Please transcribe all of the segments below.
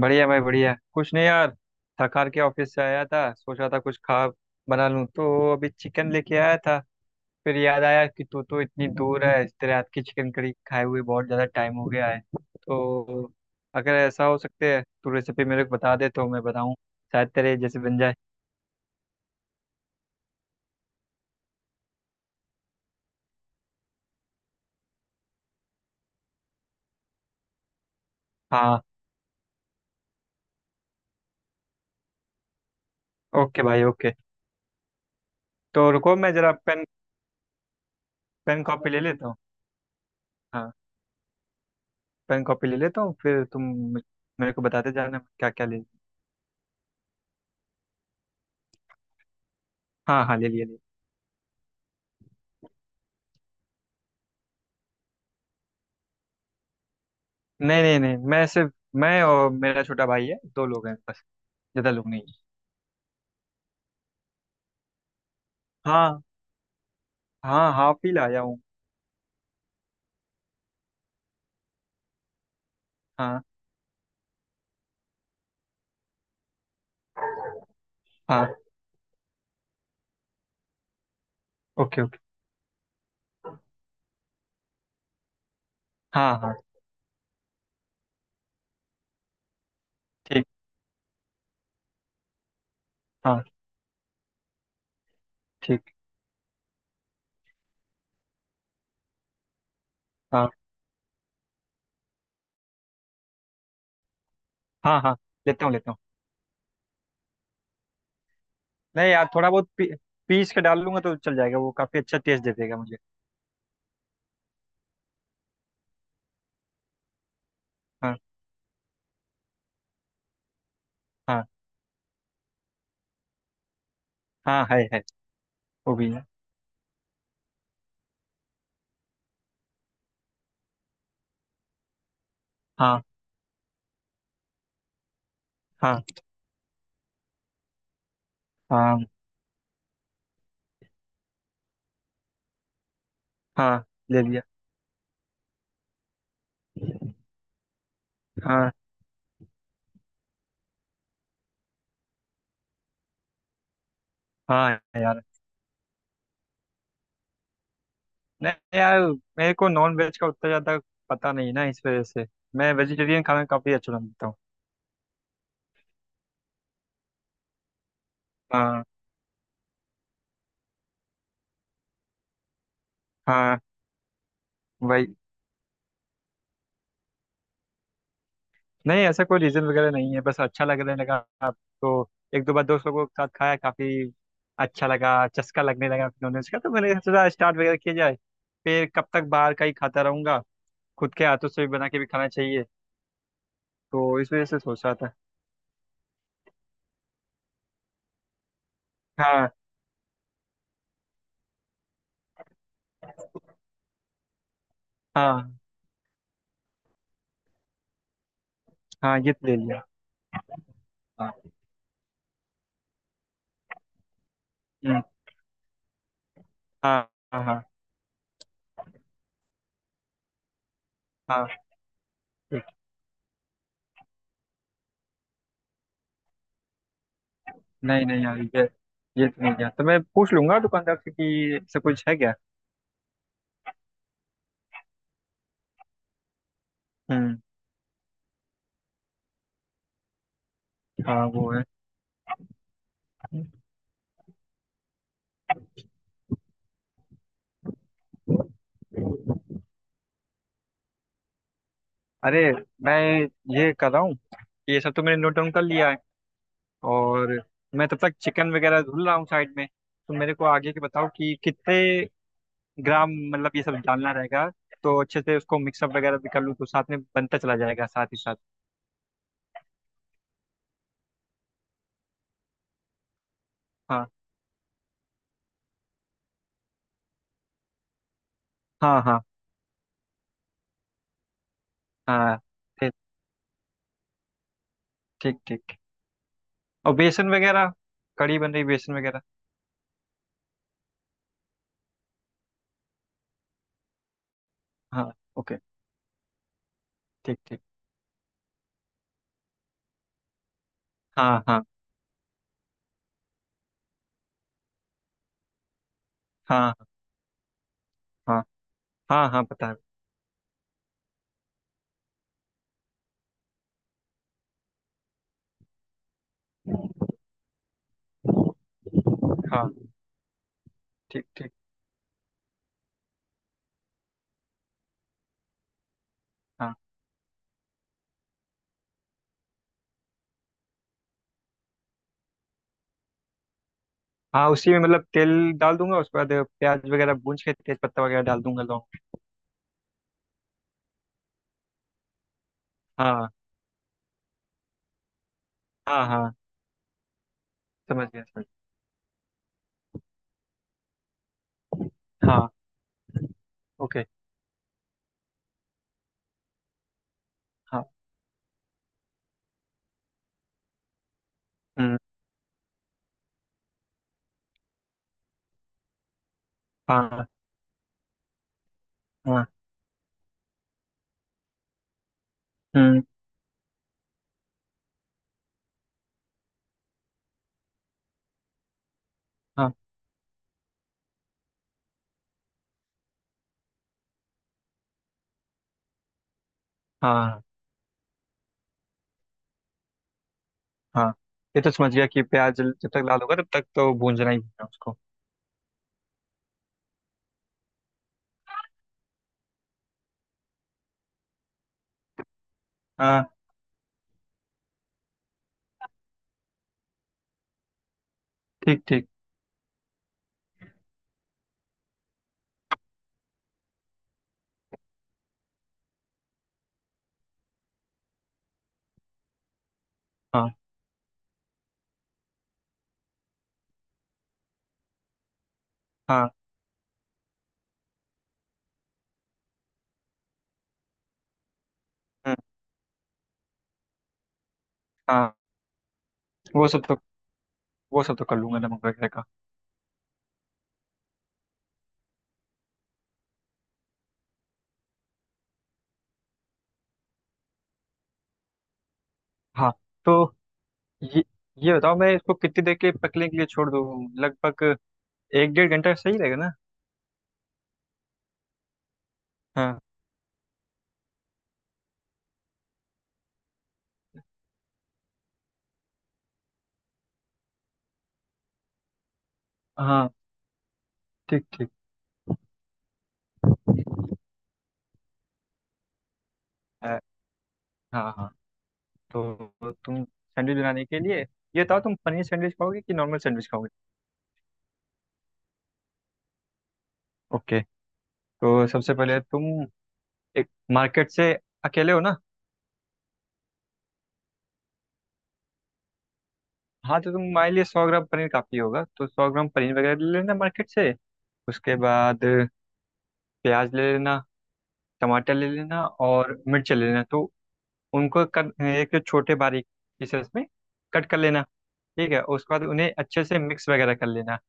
बढ़िया भाई, बढ़िया। कुछ नहीं यार, थक हार के ऑफिस से आया था, सोचा था कुछ खा बना लूं, तो अभी चिकन लेके आया था। फिर याद आया कि तू तो इतनी दूर है, तेरे हाथ की चिकन करी खाए हुए बहुत ज़्यादा टाइम हो गया है। तो अगर ऐसा हो सकते है तू रेसिपी मेरे को बता दे तो मैं बताऊं, शायद तेरे जैसे बन जाए। हाँ। ओके भाई, ओके। तो रुको मैं ज़रा पेन पेन कॉपी ले लेता हूँ। हाँ, पेन कॉपी ले लेता हूँ, फिर तुम मेरे को बताते जाना क्या क्या ले। हाँ हाँ, ले लिया ले लिया। नहीं नहीं नहीं, मैं और मेरा छोटा भाई है, दो लोग हैं बस। ज्यादा लोग नहीं हैं। हाँ। हाँ, हाफ ही लाया हूँ। हाँ। हाँ, ओके ओके। हाँ हाँ, ठीक। हाँ, ठीक। हाँ हाँ हाँ, लेता हूँ लेता हूँ। नहीं यार, थोड़ा बहुत पीस के डाल लूंगा तो चल जाएगा, वो काफी अच्छा टेस्ट दे देगा मुझे। हाँ। हाँ, हाँ है है। वो भी है। हाँ हाँ हाँ। हाँ, ले लिया। हाँ हाँ। यार। नहीं यार, मेरे को नॉन वेज का उतना ज्यादा पता नहीं ना, इस वजह से मैं वेजिटेरियन खाना काफी अच्छा बनाता हूँ। हाँ हाँ। वही। नहीं, ऐसा कोई रीजन वगैरह नहीं है, बस अच्छा लगने लगा आपको। एक दो बार दोस्त लोगों के साथ खाया, काफी अच्छा लगा, चस्का लगने लगा नॉनवेज का, तो मैंने सोचा स्टार्ट वगैरह किया जाए। फिर कब तक बाहर का ही खाता रहूंगा, खुद के हाथों से भी बना के भी खाना चाहिए, तो इस वजह से सोच रहा था। हाँ हाँ हाँ, ये तो ले लिया। हाँ। हम्म, हाँ हाँ हाँ। हाँ, ठीक। नहीं नहीं यार, ये तो नहीं गया, तो मैं पूछ लूंगा दुकानदार से कि ऐसा कुछ है क्या। हम्म। हाँ, वो है। अरे, मैं ये कर रहा हूँ, ये सब तो मैंने नोट डाउन कर लिया है। और मैं तब तक चिकन वगैरह धुल रहा हूँ साइड में, तो मेरे को आगे के बताओ कि कितने ग्राम मतलब ये सब डालना रहेगा, तो अच्छे से उसको मिक्सअप वगैरह भी कर लूँ तो साथ में बनता चला जाएगा साथ ही साथ। हाँ हाँ। हाँ हाँ, ठीक ठीक ठीक। और बेसन वगैरह, कड़ी बन रही, बेसन वगैरह। हाँ। ओके। ठीक ठीक। हाँ हाँ हाँ हाँ हाँ। हाँ, पता है। हाँ, ठीक ठीक। हाँ हाँ, उसी में मतलब तेल डाल दूंगा, उसके बाद प्याज वगैरह भून के तेज पत्ता वगैरह डाल दूंगा, लौंग। हाँ हाँ हाँ, समझ गया समझ गया। हाँ। ओके। हाँ। हम्म। हाँ हाँ। हम्म। हाँ हाँ हाँ। ये तो समझ गया कि प्याज जब तक लाल होगा तब तक तो भूंजना ही भूंजना उसको। हाँ, ठीक ठीक। हाँ हाँ। हम्म, हाँ। वो सब तो वो सब तो कर लूंगा, नमक वगैरह का। हाँ। तो ये ये बताओ, मैं इसको कितनी देर के पकने के लिए छोड़ दूँ? लगभग एक डेढ़ घंटा सही रहेगा ना? हाँ हाँ, ठीक ठीक। अ, हाँ हाँ, तो तुम सैंडविच बनाने के लिए ये बताओ, तुम पनीर सैंडविच खाओगे कि नॉर्मल सैंडविच खाओगे? ओके। तो सबसे पहले तुम एक मार्केट से, अकेले हो ना? हाँ, तो तुम्हारे लिए 100 ग्राम पनीर काफ़ी होगा, तो 100 ग्राम पनीर वगैरह ले लेना मार्केट से। उसके बाद प्याज ले लेना, टमाटर ले लेना और मिर्च ले लेना। तो उनको एक छोटे बारीक पीसेस में कट कर लेना। ठीक है, उसके बाद उन्हें अच्छे से मिक्स वगैरह कर लेना।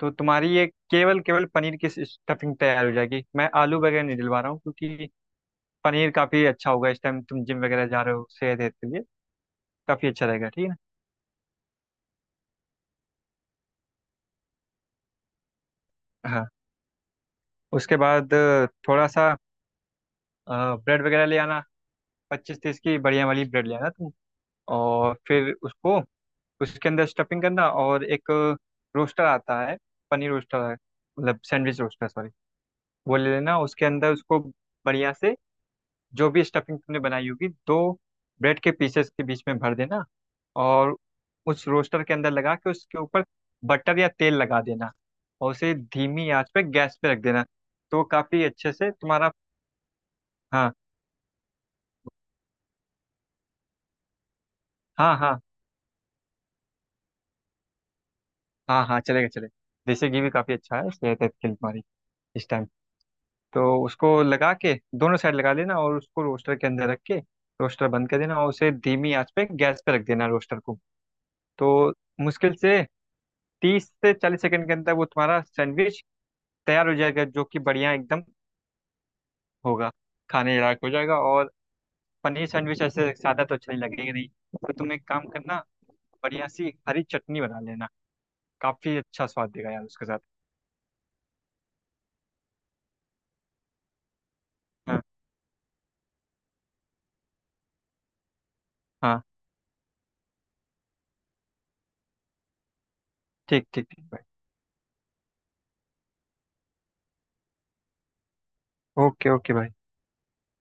तो तुम्हारी ये केवल केवल पनीर की स्टफिंग तैयार हो जाएगी। मैं आलू वगैरह नहीं डलवा रहा हूँ क्योंकि पनीर काफ़ी अच्छा होगा। इस टाइम तुम जिम वगैरह जा रहे हो सेहत हेतु के लिए, काफ़ी अच्छा रहेगा, ठीक है ना? हाँ। उसके बाद थोड़ा सा ब्रेड वगैरह ले आना, 25-30 की बढ़िया वाली ब्रेड ले आना तुम। और फिर उसको उसके अंदर स्टफिंग करना, और एक रोस्टर आता है, पनीर रोस्टर है, मतलब सैंडविच रोस्टर, सॉरी। वो ले लेना, उसके अंदर उसको बढ़िया से, जो भी स्टफिंग तुमने बनाई होगी दो ब्रेड के पीसेस के बीच में भर देना। और उस रोस्टर के अंदर लगा के, उसके ऊपर बटर या तेल लगा देना, और उसे धीमी आंच पे गैस पे रख देना, तो काफ़ी अच्छे से तुम्हारा। हाँ। हाँ हाँ हाँ, हाँ चलेगा चलेगा, देसी घी भी काफ़ी अच्छा है सेहत है के लिए हमारी, इस टाइम। तो उसको लगा के दोनों साइड लगा लेना, और उसको रोस्टर के अंदर रख के रोस्टर बंद कर देना, और उसे धीमी आंच पे गैस पे रख देना रोस्टर को। तो मुश्किल से 30 से 40 सेकंड के अंदर वो तुम्हारा सैंडविच तैयार हो जाएगा, जो कि बढ़िया एकदम होगा, खाने लायक हो जाएगा। और पनीर सैंडविच ऐसे सादा तो अच्छा नहीं लगेगा, नहीं तो तुम एक काम करना, बढ़िया सी हरी चटनी बना लेना, काफ़ी अच्छा स्वाद देगा यार उसके साथ। हाँ हाँ, ठीक ठीक ठीक। ओके ओके भाई।